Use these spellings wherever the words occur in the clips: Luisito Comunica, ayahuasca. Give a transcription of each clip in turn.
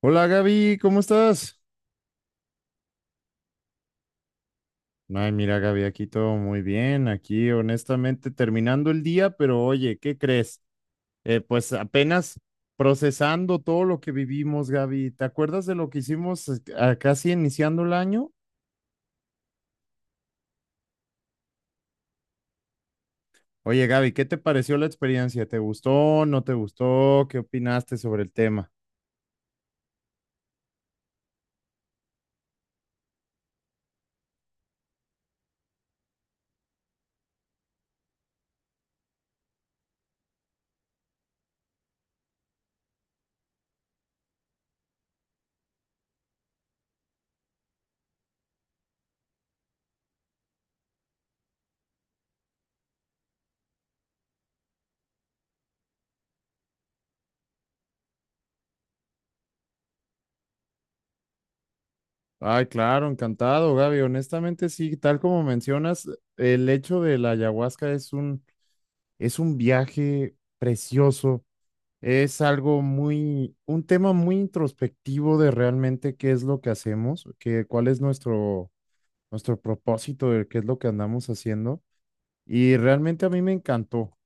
Hola Gaby, ¿cómo estás? Ay, mira Gaby, aquí todo muy bien, aquí honestamente terminando el día, pero oye, ¿qué crees? Pues apenas procesando todo lo que vivimos, Gaby. ¿Te acuerdas de lo que hicimos casi iniciando el año? Oye Gaby, ¿qué te pareció la experiencia? ¿Te gustó? ¿No te gustó? ¿Qué opinaste sobre el tema? Ay, claro, encantado, Gaby. Honestamente, sí, tal como mencionas, el hecho de la ayahuasca es un viaje precioso. Es algo muy, un tema muy introspectivo de realmente qué es lo que hacemos, que, nuestro propósito, de qué es lo que andamos haciendo. Y realmente a mí me encantó.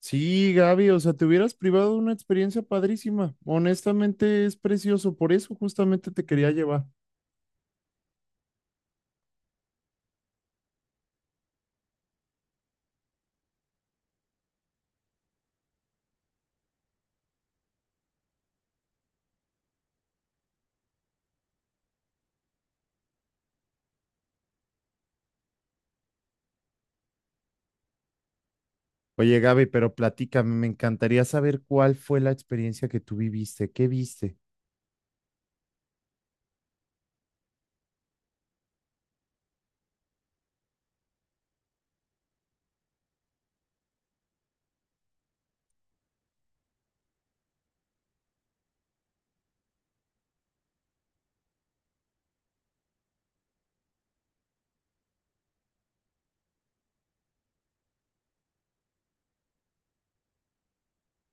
Sí, Gaby, o sea, te hubieras privado de una experiencia padrísima. Honestamente es precioso, por eso justamente te quería llevar. Oye, Gaby, pero platícame, me encantaría saber cuál fue la experiencia que tú viviste, qué viste.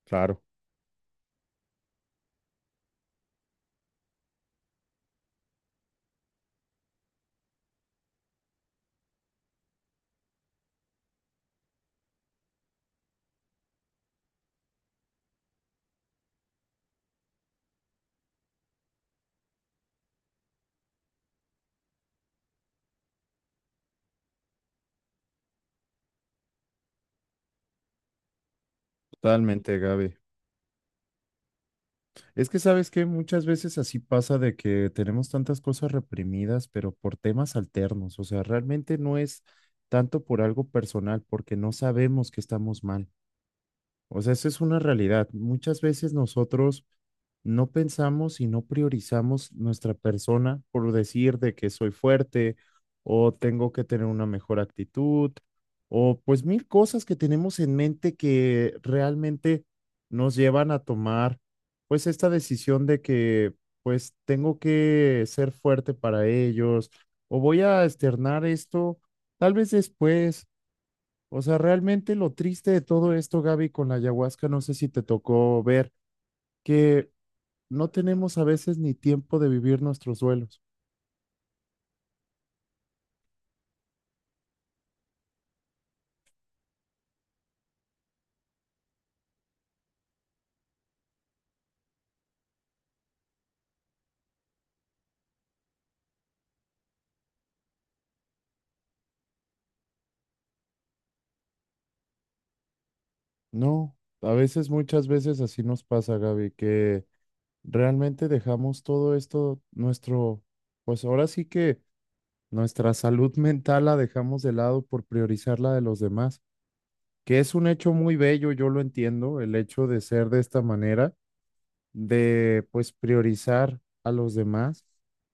Claro, totalmente, Gaby. Es que sabes que muchas veces así pasa de que tenemos tantas cosas reprimidas, pero por temas alternos. O sea, realmente no es tanto por algo personal, porque no sabemos que estamos mal. O sea, esa es una realidad. Muchas veces nosotros no pensamos y no priorizamos nuestra persona por decir de que soy fuerte o tengo que tener una mejor actitud o pues mil cosas que tenemos en mente que realmente nos llevan a tomar pues esta decisión de que pues tengo que ser fuerte para ellos o voy a externar esto tal vez después. O sea, realmente lo triste de todo esto, Gaby, con la ayahuasca, no sé si te tocó ver que no tenemos a veces ni tiempo de vivir nuestros duelos. No, a veces, muchas veces así nos pasa, Gaby, que realmente dejamos todo esto, nuestro, pues ahora sí que nuestra salud mental la dejamos de lado por priorizar la de los demás, que es un hecho muy bello, yo lo entiendo, el hecho de ser de esta manera de pues priorizar a los demás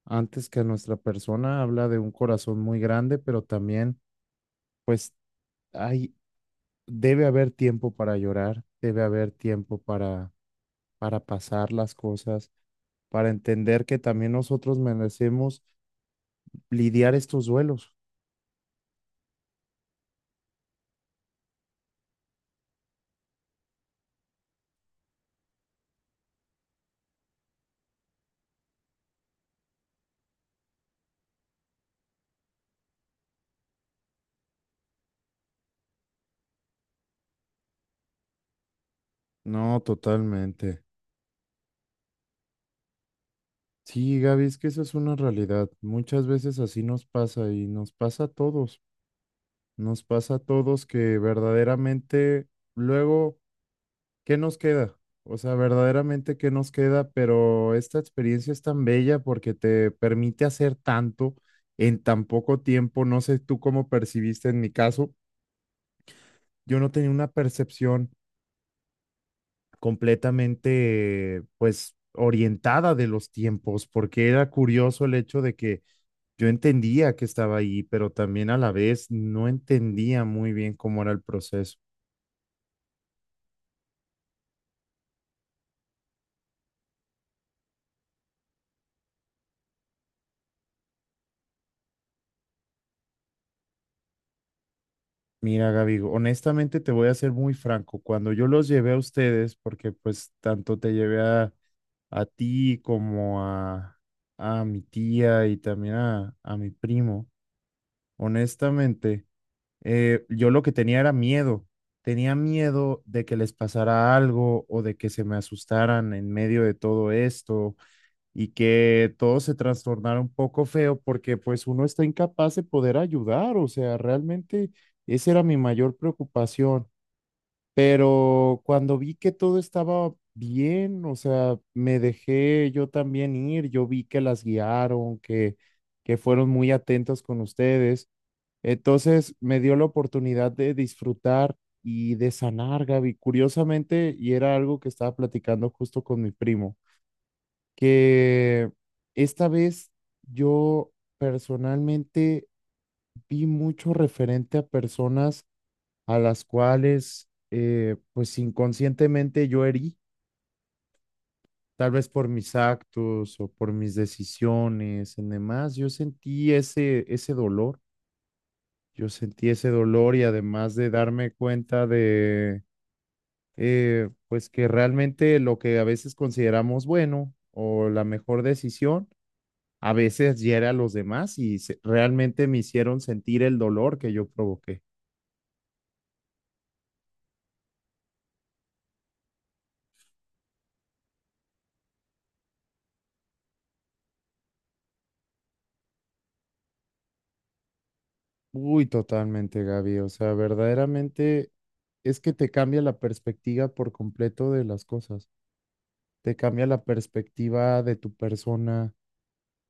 antes que a nuestra persona. Habla de un corazón muy grande, pero también pues hay, debe haber tiempo para llorar, debe haber tiempo para pasar las cosas, para entender que también nosotros merecemos lidiar estos duelos. No, totalmente. Sí, Gaby, es que esa es una realidad. Muchas veces así nos pasa y nos pasa a todos. Nos pasa a todos que verdaderamente luego ¿qué nos queda? O sea, verdaderamente, ¿qué nos queda? Pero esta experiencia es tan bella porque te permite hacer tanto en tan poco tiempo. No sé tú cómo percibiste en mi caso. Yo no tenía una percepción completamente, pues, orientada de los tiempos, porque era curioso el hecho de que yo entendía que estaba ahí, pero también a la vez no entendía muy bien cómo era el proceso. Mira, Gaby, honestamente te voy a ser muy franco. Cuando yo los llevé a ustedes, porque pues tanto te llevé a ti como a mi tía y también a mi primo, honestamente, yo lo que tenía era miedo. Tenía miedo de que les pasara algo o de que se me asustaran en medio de todo esto y que todo se trastornara un poco feo porque pues uno está incapaz de poder ayudar, o sea, realmente esa era mi mayor preocupación, pero cuando vi que todo estaba bien, o sea, me dejé yo también ir, yo vi que las guiaron, que fueron muy atentos con ustedes, entonces me dio la oportunidad de disfrutar. Y de sanar, Gaby, curiosamente, y era algo que estaba platicando justo con mi primo que esta vez yo personalmente vi mucho referente a personas a las cuales pues inconscientemente yo herí, tal vez por mis actos o por mis decisiones y demás, yo sentí ese dolor, yo sentí ese dolor y además de darme cuenta de pues que realmente lo que a veces consideramos bueno o la mejor decisión, a veces hiere a los demás realmente me hicieron sentir el dolor que yo provoqué. Uy, totalmente, Gaby. O sea, verdaderamente es que te cambia la perspectiva por completo de las cosas. Te cambia la perspectiva de tu persona,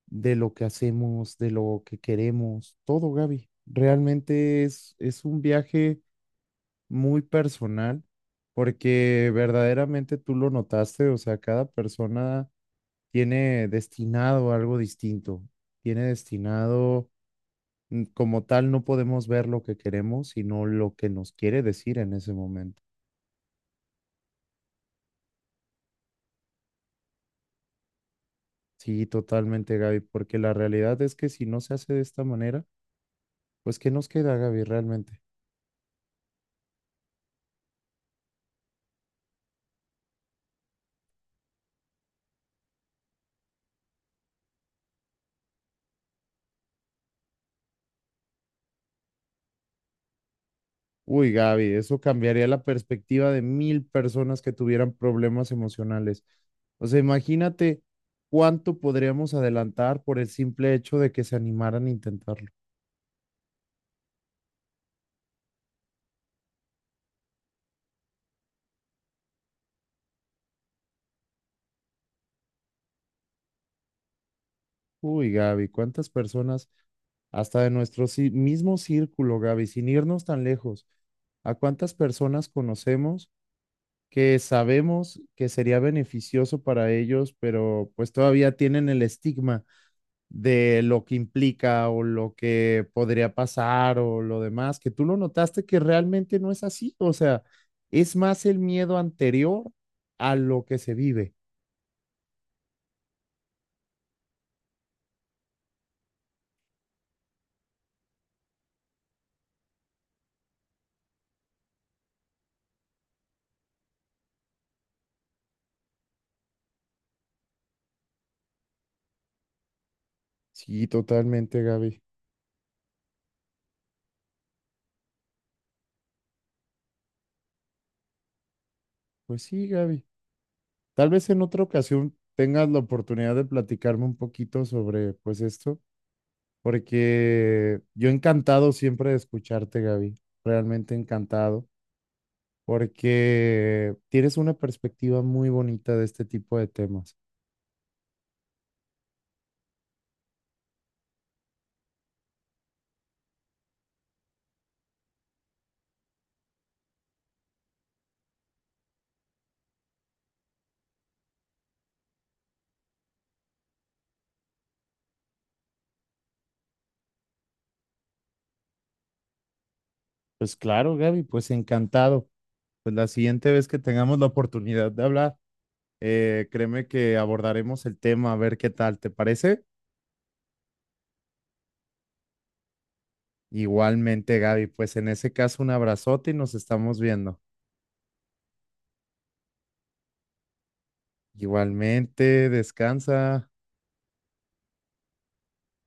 de lo que hacemos, de lo que queremos, todo, Gaby. Realmente es un viaje muy personal porque verdaderamente tú lo notaste, o sea, cada persona tiene destinado algo distinto, tiene destinado, como tal, no podemos ver lo que queremos, sino lo que nos quiere decir en ese momento. Sí, totalmente, Gaby, porque la realidad es que si no se hace de esta manera, pues ¿qué nos queda, Gaby, realmente? Uy, Gaby, eso cambiaría la perspectiva de mil personas que tuvieran problemas emocionales. O sea, imagínate cuánto podríamos adelantar por el simple hecho de que se animaran a intentar. Uy, Gaby, ¿cuántas personas, hasta de nuestro mismo círculo, Gaby, sin irnos tan lejos, a cuántas personas conocemos que sabemos que sería beneficioso para ellos, pero pues todavía tienen el estigma de lo que implica o lo que podría pasar o lo demás, que tú lo notaste que realmente no es así, o sea, es más el miedo anterior a lo que se vive. Sí, totalmente, Gaby. Pues sí, Gaby. Tal vez en otra ocasión tengas la oportunidad de platicarme un poquito sobre pues esto, porque yo encantado siempre de escucharte, Gaby, realmente encantado, porque tienes una perspectiva muy bonita de este tipo de temas. Pues claro, Gaby, pues encantado. Pues la siguiente vez que tengamos la oportunidad de hablar, créeme que abordaremos el tema a ver qué tal, ¿te parece? Igualmente, Gaby, pues en ese caso un abrazote y nos estamos viendo. Igualmente, descansa.